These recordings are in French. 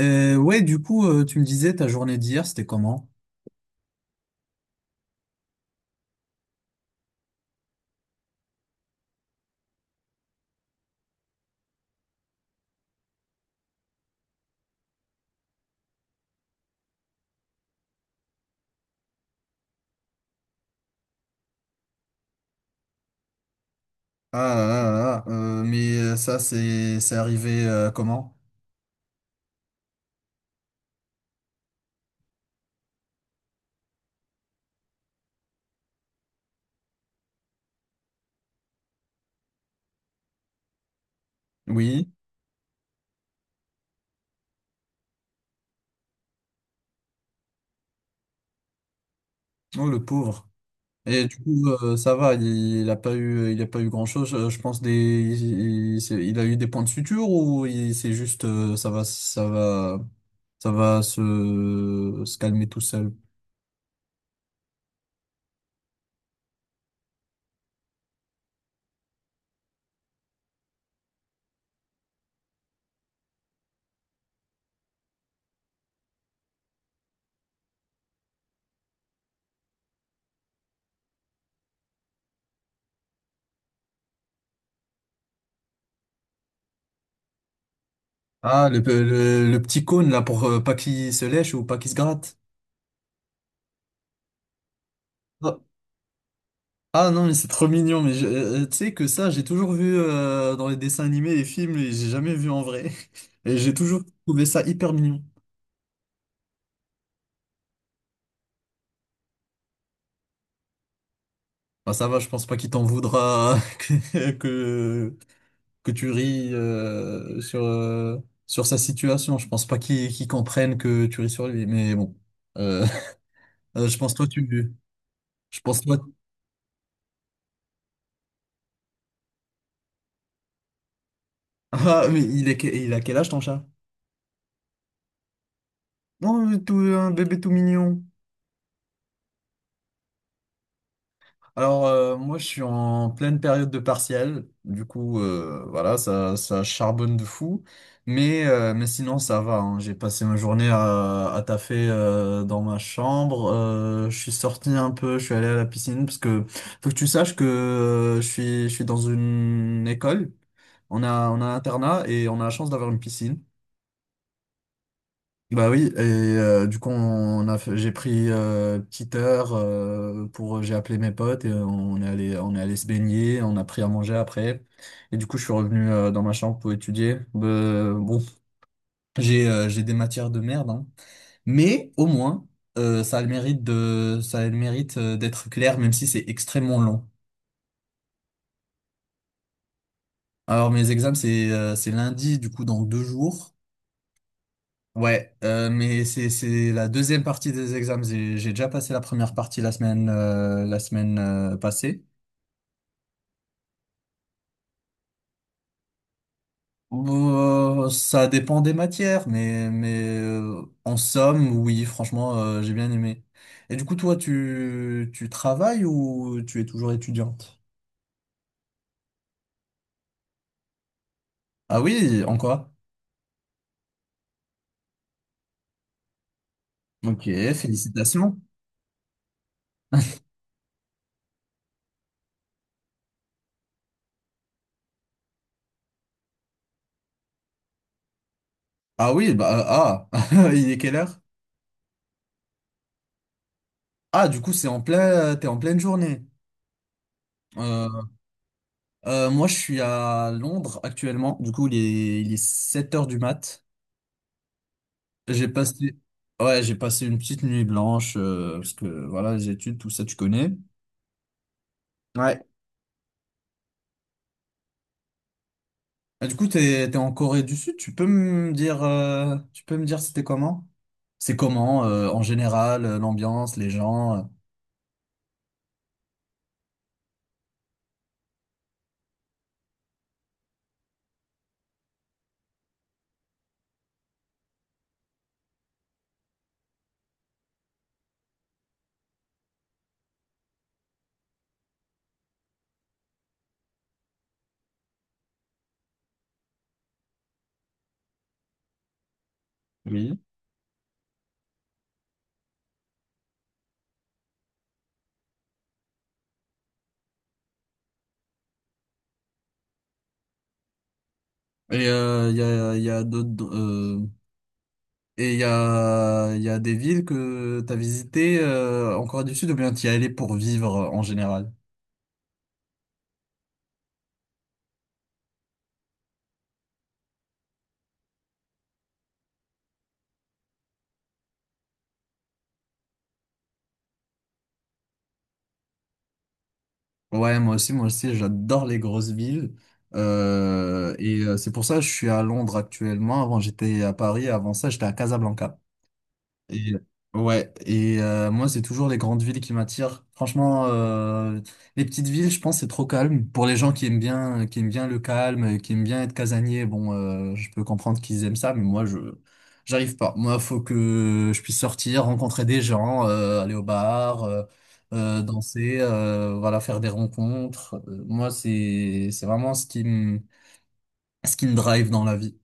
Ouais, du coup, tu me disais ta journée d'hier, c'était comment? Ça, c'est arrivé comment? Oui. Oh, le pauvre. Et du coup, ça va, il a pas eu, il a pas eu grand-chose. Je pense des, il a eu des points de suture ou c'est juste, ça va, ça va, ça va se calmer tout seul. Ah, le, le petit cône là pour pas qu'il se lèche ou pas qu'il se gratte. Ah non, mais c'est trop mignon, mais tu sais que ça, j'ai toujours vu dans les dessins animés, les films, et j'ai jamais vu en vrai. Et j'ai toujours trouvé ça hyper mignon. Enfin, ça va, je pense pas qu'il t'en voudra que tu ris sur sa situation. Je pense pas qu'il comprenne que tu ris sur lui, mais bon. Euh, je pense toi, tu... Je pense toi... Ah, mais il a quel âge ton chat? Non, mais tout, un bébé tout mignon. Alors, moi, je suis en pleine période de partiel. Du coup, voilà, ça charbonne de fou. Mais sinon, ça va, hein. J'ai passé ma journée à taffer dans ma chambre. Je suis sorti un peu, je suis allé à la piscine parce que faut que tu saches que je suis dans une école. On a un internat et on a la chance d'avoir une piscine. Bah oui, et du coup j'ai pris une petite heure pour j'ai appelé mes potes et on est allé se baigner, on a pris à manger après et du coup je suis revenu dans ma chambre pour étudier. Bon, j'ai des matières de merde, hein. Mais au moins ça a le mérite de ça a le mérite d'être clair même si c'est extrêmement long. Alors mes examens c'est lundi, du coup dans deux jours. Ouais, mais c'est la deuxième partie des examens. J'ai déjà passé la première partie la semaine passée. Ça dépend des matières, mais en somme, oui, franchement, j'ai bien aimé. Et du coup, toi, tu travailles ou tu es toujours étudiante? Ah oui, en quoi? Ok, félicitations. Ah oui, bah ah, il est quelle heure? Ah, du coup, c'est en plein, t'es en pleine journée. Euh, Moi, je suis à Londres actuellement. Du coup, il est 7 heures du mat. J'ai passé, ouais, j'ai passé une petite nuit blanche, parce que voilà, les études, tout ça, tu connais. Ouais. Ah, du coup, t'es en Corée du Sud. Tu peux me dire c'était comment? C'est comment, en général, l'ambiance, les gens? Oui. Et il y a d'autres, il y a des villes que t'as visitées, en Corée du Sud, ou bien t'y es allé pour vivre en général? Ouais, moi aussi, j'adore les grosses villes. C'est pour ça que je suis à Londres actuellement. Avant, j'étais à Paris. Avant ça, j'étais à Casablanca. Et, ouais, et moi, c'est toujours les grandes villes qui m'attirent. Les petites villes, je pense, c'est trop calme. Pour les gens qui aiment bien le calme, qui aiment bien être casanier, bon, je peux comprendre qu'ils aiment ça, mais j'arrive pas. Moi, faut que je puisse sortir, rencontrer des gens, aller au bar, danser, voilà, faire des rencontres. C'est vraiment ce qui me drive dans la vie.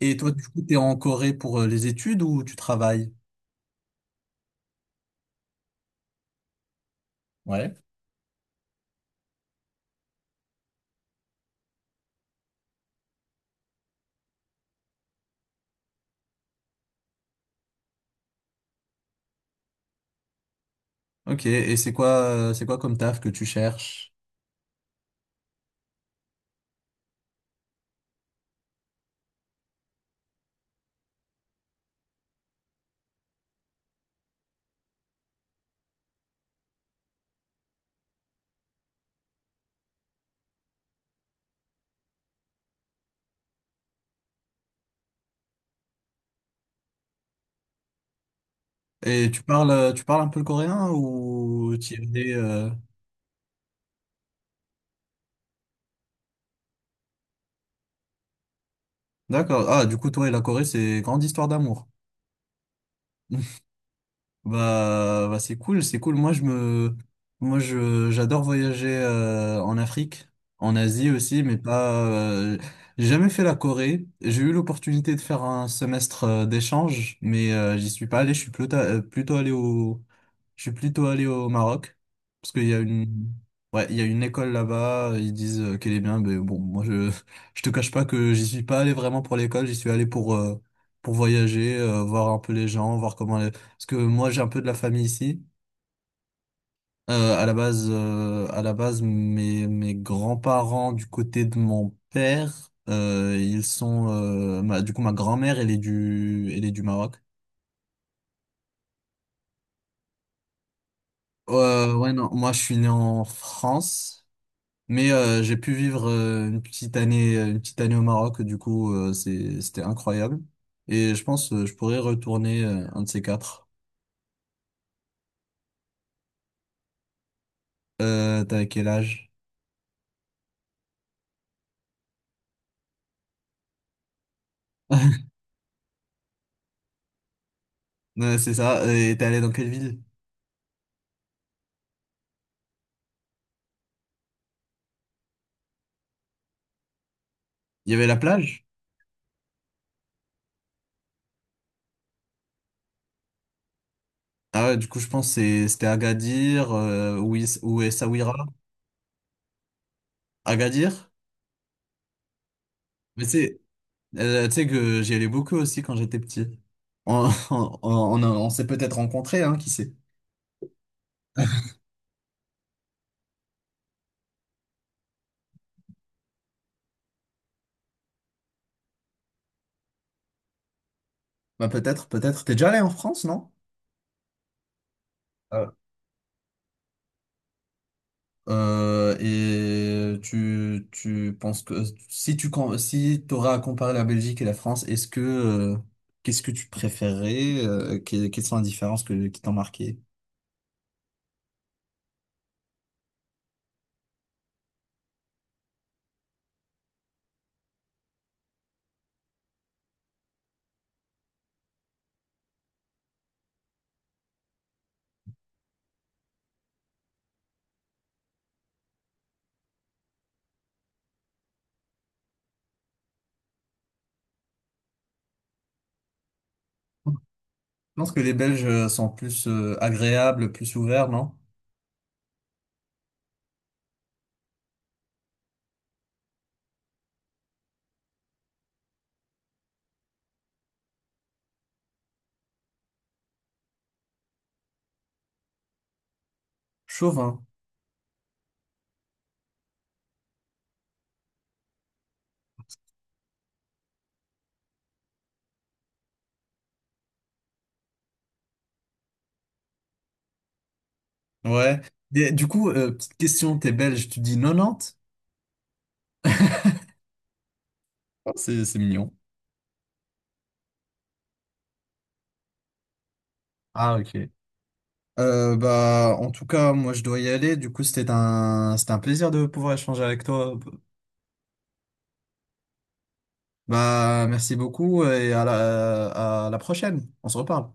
Et toi, du coup, t'es en Corée pour les études ou tu travailles? Ouais. Ok, et c'est quoi comme taf que tu cherches? Et tu parles un peu le coréen ou t'y es allé, D'accord. Ah, du coup, toi et la Corée, c'est grande histoire d'amour. Bah, bah c'est cool, c'est cool. Moi je j'adore voyager en Afrique, en Asie aussi, mais pas j'ai jamais fait la Corée. J'ai eu l'opportunité de faire un semestre d'échange, mais j'y suis pas allé, je suis plutôt plutôt allé au je suis plutôt allé au Maroc parce qu'il y a une ouais, il y a une école là-bas, ils disent qu'elle est bien, mais bon, moi je te cache pas que j'y suis pas allé vraiment pour l'école, j'y suis allé pour voyager, voir un peu les gens, voir comment parce que moi, j'ai un peu de la famille ici. À la base, mes grands-parents du côté de mon père, ils sont, ma- du coup, ma grand-mère, elle est du Maroc. Ouais, non, moi, je suis né en France, mais j'ai pu vivre une petite année au Maroc. Du coup, c'était incroyable. Et je pense, je pourrais retourner un de ces quatre. T'as quel âge? Ouais, c'est ça. Et t'es allé dans quelle ville? Il y avait la plage? Ah ouais, du coup, je pense que c'était Agadir ou, ou Essaouira. Agadir? Mais c'est, tu sais que j'y allais beaucoup aussi quand j'étais petit. On s'est peut-être rencontrés, hein, qui sait? Bah peut-être, peut-être. T'es déjà allé en France, non? Euh, et tu, tu penses que si si t'auras à comparer la Belgique et la France, est-ce que qu'est-ce que tu préférerais? Quelles sont les différences qui t'ont marqué? Je pense que les Belges sont plus agréables, plus ouverts, non? Chauvin. Ouais. Et du coup, petite question, t'es belge, tu dis 90? Ah, c'est mignon. Ah, ok. Bah, en tout cas, moi, je dois y aller. Du coup, c'était un plaisir de pouvoir échanger avec toi. Bah, merci beaucoup et à la prochaine. On se reparle.